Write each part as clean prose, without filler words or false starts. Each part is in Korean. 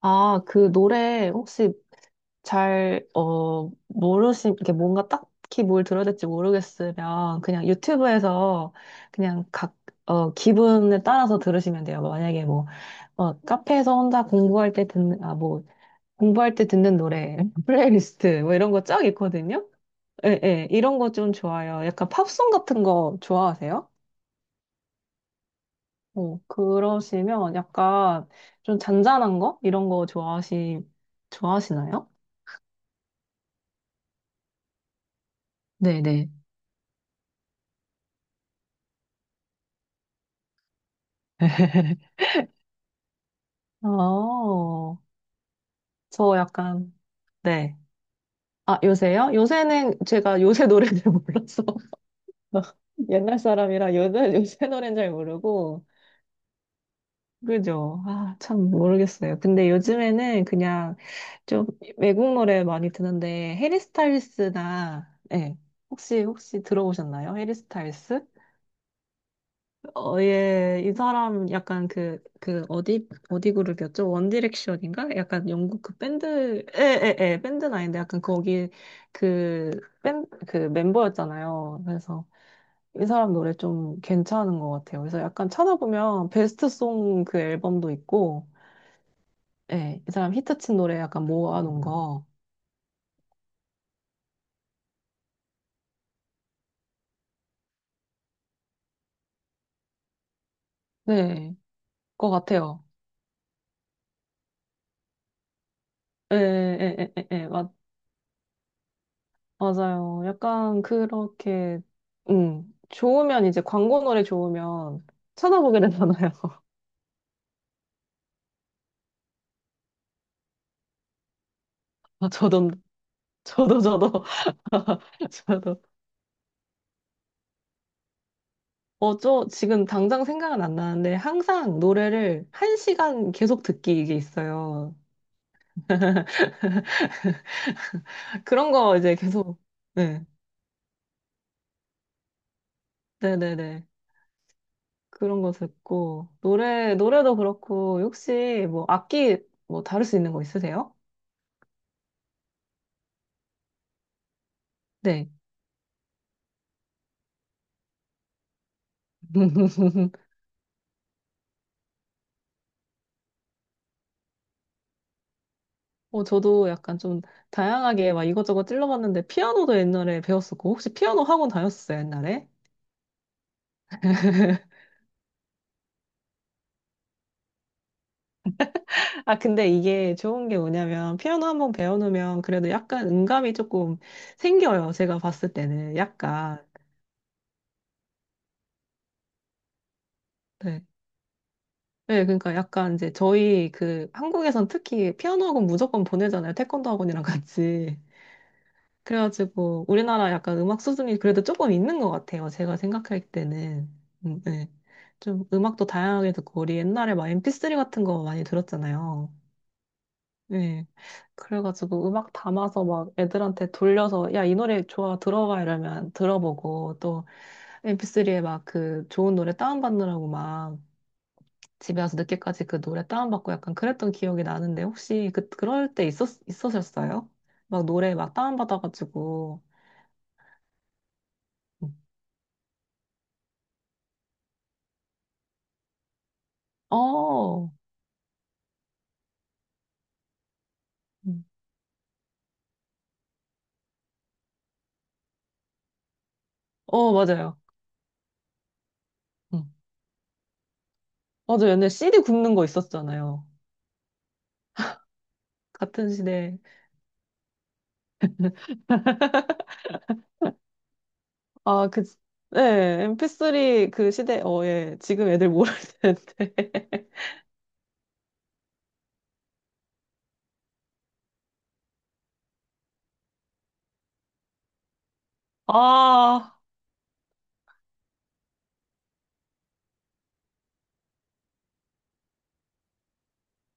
아, 그 노래 혹시 잘, 모르시, 이렇게 뭔가 딱히 뭘 들어야 될지 모르겠으면 그냥 유튜브에서 그냥 각, 기분에 따라서 들으시면 돼요. 만약에 뭐, 카페에서 혼자 공부할 때 듣는, 아, 뭐, 공부할 때 듣는 노래, 플레이리스트, 뭐 이런 거 쫙 있거든요? 예, 예, 이런 거 좀 좋아요. 약간 팝송 같은 거 좋아하세요? 어, 그러시면 약간 좀 잔잔한 거? 이런 거 좋아하시, 좋아하시나요? 네네. 어, 저 약간, 네. 아, 요새요? 요새는 제가 요새 노래를 몰라서. 옛날 사람이라 요새, 요새 노래는 잘 모르고. 그죠? 아, 참 모르겠어요. 근데 요즘에는 그냥 좀 외국 노래 많이 듣는데, 해리 스타일스나, 네. 혹시, 혹시 들어보셨나요? 해리 스타일스? 어, 예, 이 사람 약간 그, 그, 어디, 어디 그룹이었죠? 원디렉션인가? 약간 영국 그 밴드, 예, 예, 예, 밴드는 아닌데 약간 거기 그, 밴, 그 멤버였잖아요. 그래서 이 사람 노래 좀 괜찮은 것 같아요. 그래서 약간 찾아보면 베스트 송 그 앨범도 있고, 예, 이 사람 히트친 노래 약간 모아놓은 거, 네, 것 같아요. 예, 예, 예, 예, 예, 맞아요. 약간 그렇게, 좋으면 이제 광고 노래 좋으면 찾아보게 되잖아요. 아, 저도, 저도, 저도, 저도. 어, 저 지금 당장 생각은 안 나는데 항상 노래를 1시간 계속 듣기 이게 있어요. 그런 거 이제 계속, 네, 네네네. 그런 거 듣고, 노래, 노래도 그렇고, 혹시 뭐 악기 뭐 다룰 수 있는 거 있으세요? 네. 어, 저도 약간 좀 다양하게 막 이것저것 찔러봤는데 피아노도 옛날에 배웠었고 혹시 피아노 학원 다녔었어요, 옛날에? 아, 근데 이게 좋은 게 뭐냐면 피아노 한 번 배워놓으면 그래도 약간 음감이 조금 생겨요. 제가 봤을 때는 약간. 네. 네, 그러니까 약간 이제 저희 그 한국에선 특히 피아노 학원 무조건 보내잖아요. 태권도 학원이랑 같이. 그래가지고 우리나라 약간 음악 수준이 그래도 조금 있는 것 같아요. 제가 생각할 때는. 네. 좀 음악도 다양하게 듣고 우리 옛날에 막 MP3 같은 거 많이 들었잖아요. 네. 그래가지고 음악 담아서 막 애들한테 돌려서 야, 이 노래 좋아 들어봐 이러면 들어보고 또 MP3에 막 그 좋은 노래 다운받느라고 막 집에 와서 늦게까지 그 노래 다운받고 약간 그랬던 기억이 나는데 혹시 그, 그럴 때 있었, 있으셨어요? 막 노래 막 다운받아가지고 음. 어, 음. 어, 맞아요. 음. 맞아요. 옛날에 CD 굽는 거 있었잖아요. 같은 시대. 아, 그, 네, MP3 그 시대, 어, 예. 지금 애들 모를 텐데. 아,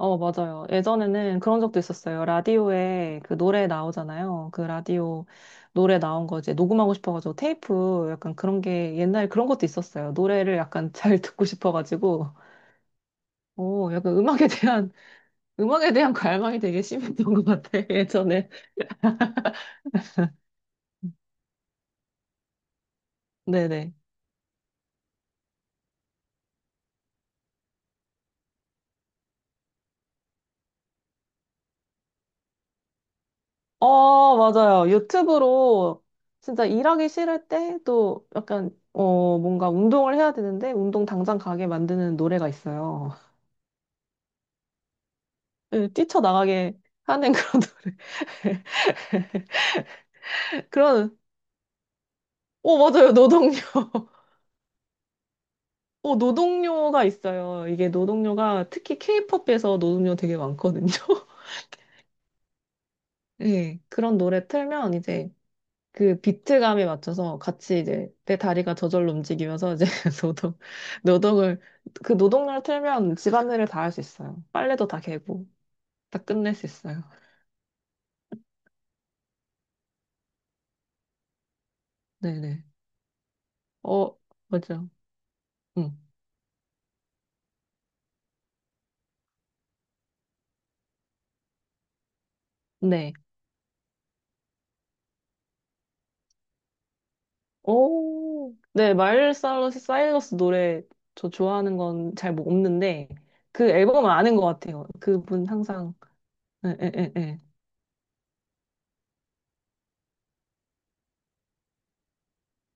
어, 맞아요. 예전에는 그런 적도 있었어요. 라디오에 그 노래 나오잖아요. 그 라디오 노래 나온 거 이제 녹음하고 싶어가지고 테이프 약간 그런 게 옛날에 그런 것도 있었어요. 노래를 약간 잘 듣고 싶어가지고. 오, 약간 음악에 대한, 음악에 대한 갈망이 되게 심했던 것 같아, 예전에. 네네. 어, 맞아요. 유튜브로 진짜 일하기 싫을 때 또 약간, 어, 뭔가 운동을 해야 되는데 운동 당장 가게 만드는 노래가 있어요. 예, 뛰쳐나가게 하는 그런 노래. 그런, 어, 맞아요. 노동요. 어, 노동요가 있어요. 이게 노동요가 특히 케이팝에서 노동요 되게 많거든요. 예, 그런 노래 틀면 이제 그 비트감에 맞춰서 같이 이제 내 다리가 저절로 움직이면서 이제 노동, 노동을, 그 노동력을 틀면 집안일을 다 할 수 있어요. 빨래도 다 개고, 다 끝낼 수 있어요. 네네. 어, 맞아. 응. 네. 오, 네. 마일리 사이러스, 사이러스 노래 저 좋아하는 건 잘 뭐 없는데, 그 앨범은 아는 것 같아요. 그분 항상, 에, 에, 에, 에.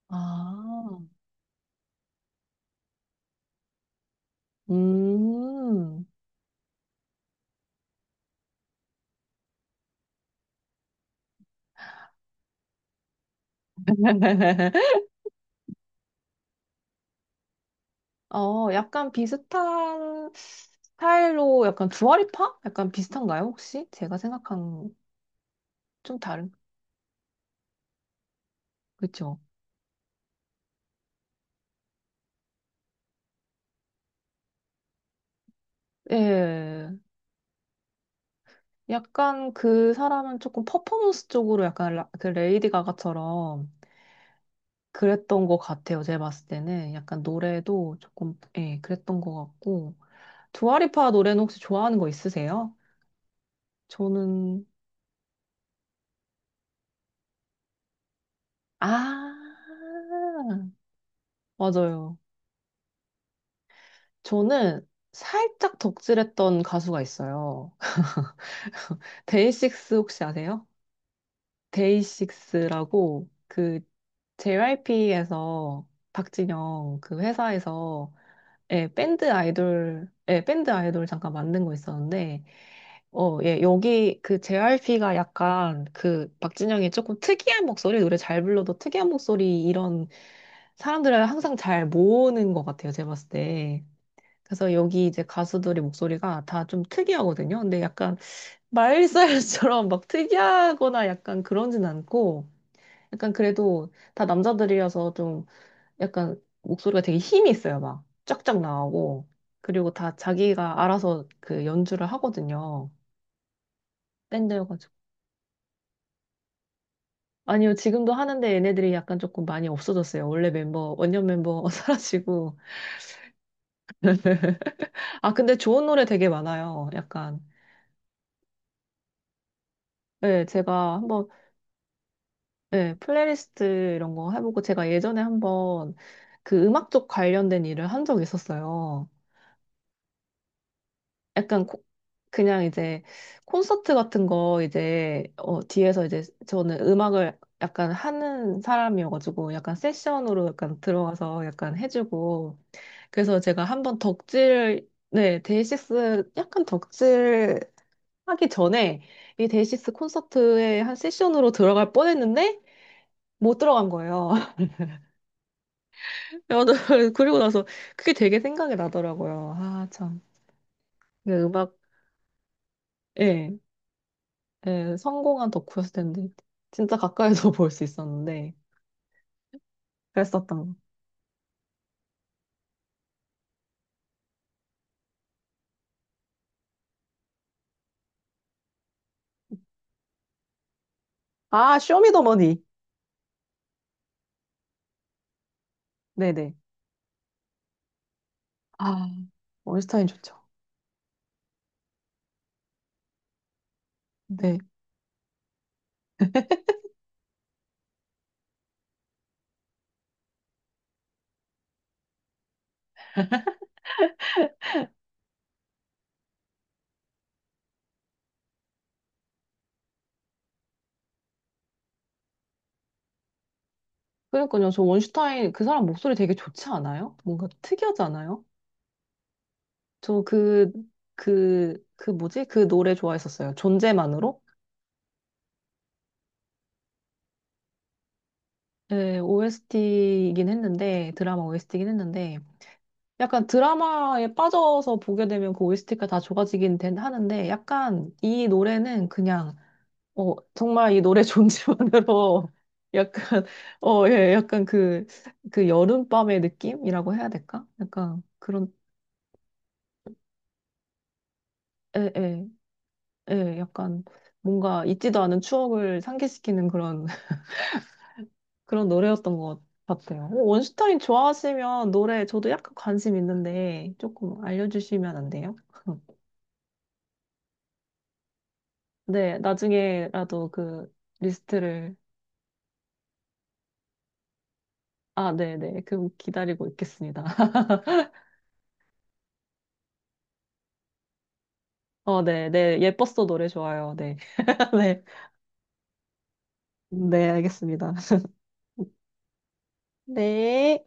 아, 음. 어, 약간 비슷한 스타일로 약간 두아리파? 약간 비슷한가요, 혹시? 제가 생각한 좀 다른, 그쵸? 예. 약간 그 사람은 조금 퍼포먼스 쪽으로 약간 라- 그 레이디 가가처럼 그랬던 것 같아요. 제가 봤을 때는 약간 노래도 조금, 예, 그랬던 것 같고. 두아리파 노래는 혹시 좋아하는 거 있으세요? 저는, 아, 맞아요. 저는 살짝 덕질했던 가수가 있어요. 데이식스 혹시 아세요? 데이식스라고 그 JYP에서 박진영 그 회사에서 예, 밴드 아이돌 예, 밴드 아이돌 잠깐 만든 거 있었는데 어, 예, 여기 그 JYP가 약간 그 박진영이 조금 특이한 목소리 노래 잘 불러도 특이한 목소리 이런 사람들을 항상 잘 모으는 것 같아요 제가 봤을 때 그래서 여기 이제 가수들의 목소리가 다 좀 특이하거든요 근데 약간 마일리사이러스처럼 막 특이하거나 약간 그런진 않고, 약간 그래도 다 남자들이어서 좀 약간 목소리가 되게 힘이 있어요. 막 쫙쫙 나오고. 그리고 다 자기가 알아서 그 연주를 하거든요. 밴드여가지고. 아니요, 지금도 하는데 얘네들이 약간 조금 많이 없어졌어요. 원래 멤버, 원년 멤버 사라지고. 아, 근데 좋은 노래 되게 많아요. 약간. 네, 제가 한번 네, 플레이리스트 이런 거 해보고 제가 예전에 한번 그 음악 쪽 관련된 일을 한 적이 있었어요. 약간 코- 그냥 이제 콘서트 같은 거 이제 어, 뒤에서 이제 저는 음악을 약간 하는 사람이어가지고 약간 세션으로 약간 들어가서 약간 해주고 그래서 제가 한번 덕질 네 데이식스 약간 덕질 하기 전에 이 데이식스 콘서트에 한 세션으로 들어갈 뻔했는데 못 들어간 거예요. 야, 나 그리고 나서 그게 되게 생각이 나더라고요. 아, 참. 이게 음악, 예, 예, 성공한 덕후였을 텐데. 진짜 가까이서 볼 수 있었는데. 그랬었던 거. 아, 쇼미더머니. 네네. 아, 원슈타인 좋죠. 네. 그러니까요. 저 원슈타인 그 사람 목소리 되게 좋지 않아요? 뭔가 특이하지 않아요? 저 그, 그, 그 뭐지? 그 노래 좋아했었어요. 존재만으로? 예, OST이긴 했는데, 드라마 OST이긴 했는데, 약간 드라마에 빠져서 보게 되면 그 OST가 다 좋아지긴 된, 하는데 약간 이 노래는 그냥 어 정말 이 노래 존재만으로 약간 어 예 약간 그 그 여름밤의 느낌이라고 해야 될까? 약간 그런 예 예 예 약간 뭔가 잊지도 않은 추억을 상기시키는 그런 그런 노래였던 것 같아요. 어, 원슈타인 좋아하시면 노래 저도 약간 관심 있는데 조금 알려주시면 안 돼요? 네, 나중에라도 그 리스트를, 아, 네네. 그 기다리고 있겠습니다. 어, 네, 네. 예뻤어 노래 좋아요. 네. 네. 네, 알겠습니다. 네.